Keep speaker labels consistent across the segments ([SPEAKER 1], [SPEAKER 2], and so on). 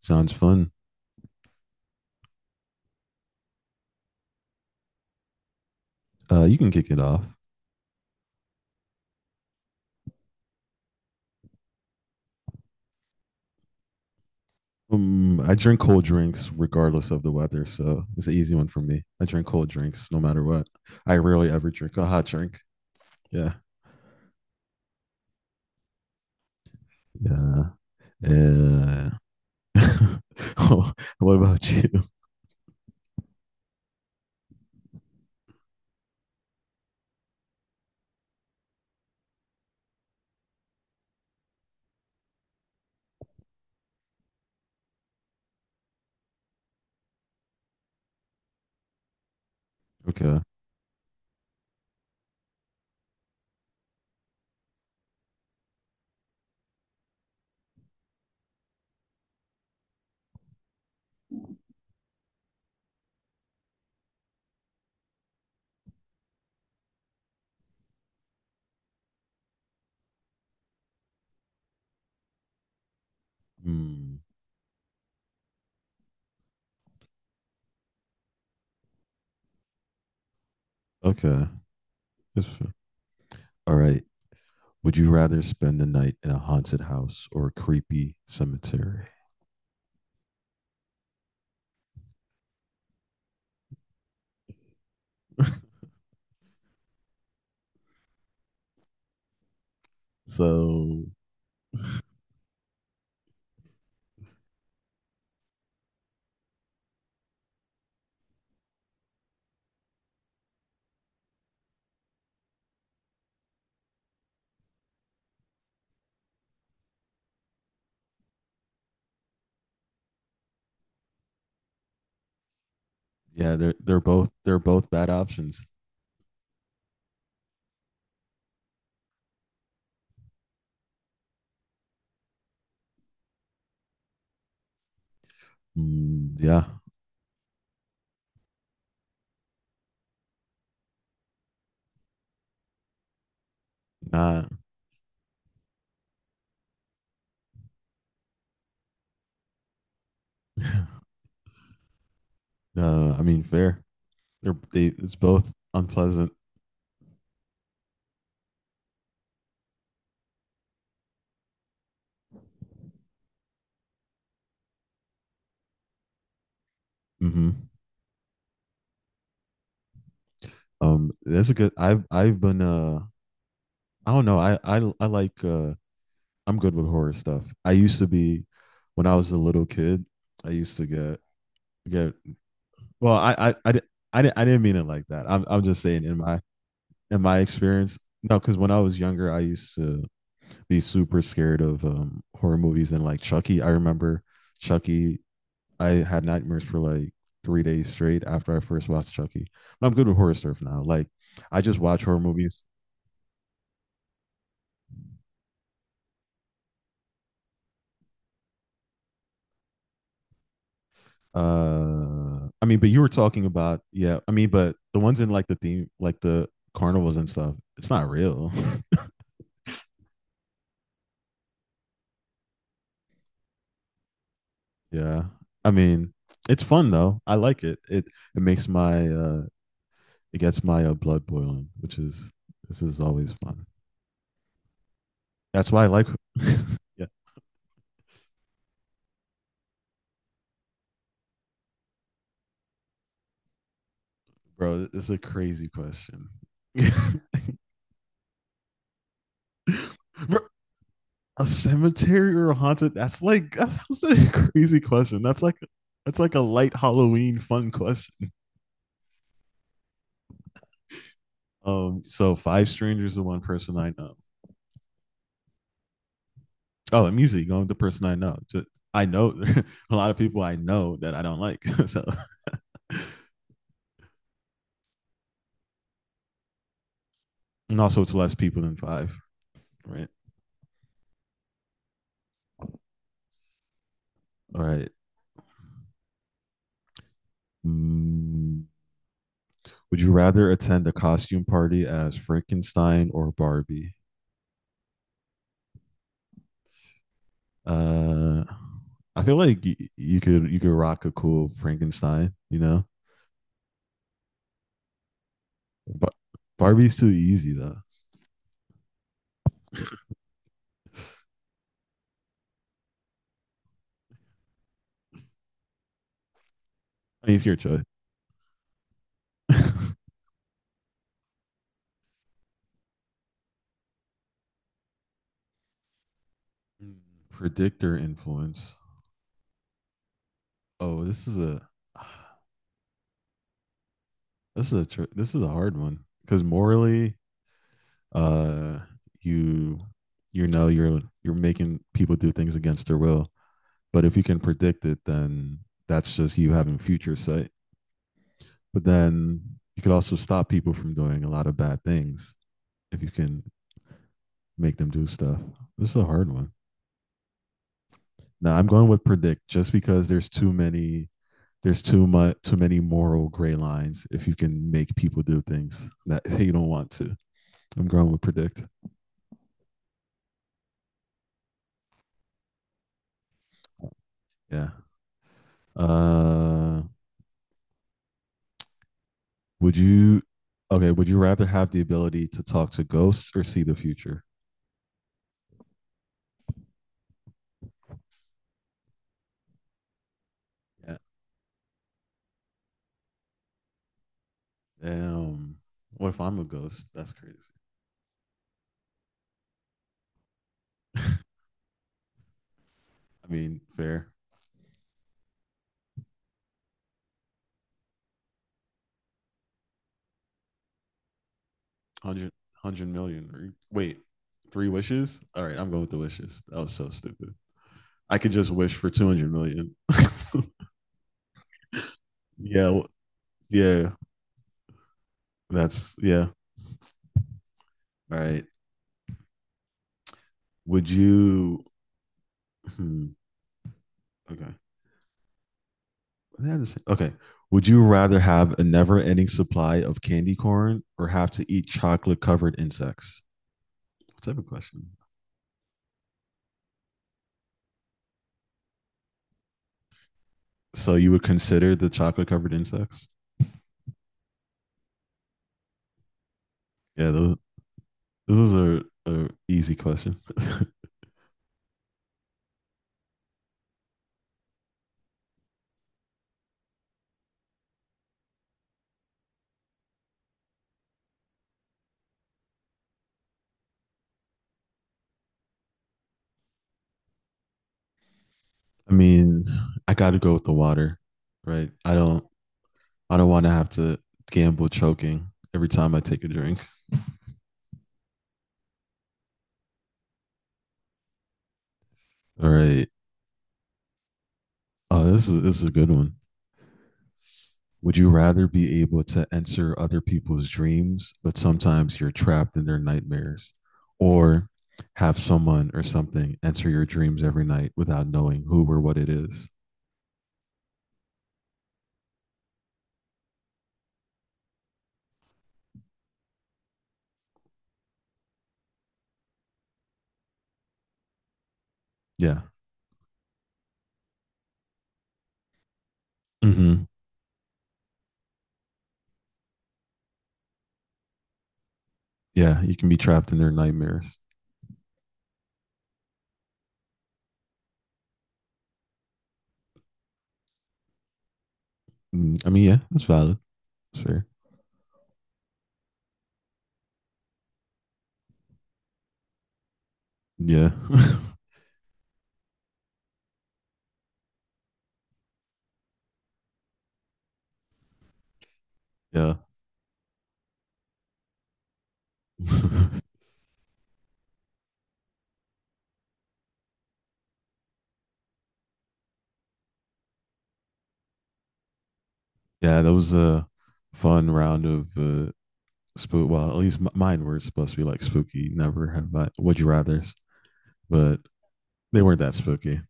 [SPEAKER 1] Sounds fun. You can kick it off. I drink cold drinks regardless of the weather, so it's an easy one for me. I drink cold drinks no matter what. I rarely ever drink a hot drink. Yeah, yeah, yeah. Oh, what about you? Okay. Hmm. Okay. It's All right. Would you rather spend the night in a haunted house or a creepy cemetery? So yeah, they're both bad options. Mm, yeah, not. I mean, fair. They're they. It's both unpleasant. Hmm. That's a good. I've been I don't know. I like. I'm good with horror stuff. I used to be, when I was a little kid, I used to get. Well, I didn't mean it like that. I'm just saying in my experience. No, because when I was younger, I used to be super scared of horror movies and like Chucky. I remember Chucky. I had nightmares for like 3 days straight after I first watched Chucky. But I'm good with horror stuff now. Like I just watch horror movies. I mean, but you were talking about yeah. I mean, but the ones in like the theme, like the carnivals and stuff, it's not real. Yeah, I mean, it's fun though. I like it. It makes my it gets my blood boiling, which is this is always fun. That's why I like. Yeah, bro, it's a crazy question. Bro, a cemetery or a haunted? That's like that's a crazy question. That's like a light Halloween fun question. So five strangers to one person I know. Oh, I'm usually going with the person I know. Just, I know a lot of people I know that I don't like. So and also it's less people than five, right? All right. Mm, would you rather attend a costume party as Frankenstein or Barbie? Uh, I feel like you could rock a cool Frankenstein, you know. But Barbie's too easy though. I mean, it's your choice. Mm, predictor influence. Oh, this is a this is a hard one because morally, uh, you know you're you're making people do things against their will. But if you can predict it, then that's just you having future sight. But then you could also stop people from doing a lot of bad things if you can make them do stuff. This is a hard one. Now I'm going with predict just because there's too much too many moral gray lines if you can make people do things that they don't want to. I'm going with predict. Yeah. Uh would you Okay, would you rather have the ability to talk to ghosts or see the future? Yeah. Damn. What if I'm a ghost? That's crazy. I mean, fair. 100, wait, three wishes? All right, I'm going with the wishes. That was so stupid. I could just wish for 200 million. Yeah, yeah, yeah. All right. Would you, hmm, okay. Okay. Would you rather have a never ending supply of candy corn or have to eat chocolate covered insects? What type of question? So you would consider the chocolate covered insects? Yeah, those are a easy question. I mean, I got to go with the water, right? I don't want to have to gamble choking every time I take a drink. All right. Oh, this is a good one. Would you rather be able to enter other people's dreams, but sometimes you're trapped in their nightmares, or have someone or something enter your dreams every night without knowing who or what it is? Yeah. Hmm. Yeah, you can be trapped in their nightmares. Mm, I mean, yeah, that's valid. That's fair. Yeah. Yeah. Yeah, that was a fun round of spook. Well, at least mine were supposed to be like spooky. Never have I. Would you rather's, but they weren't that spooky.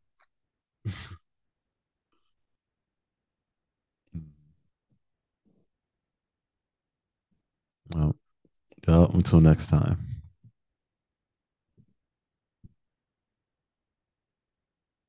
[SPEAKER 1] Well, yeah, until next time.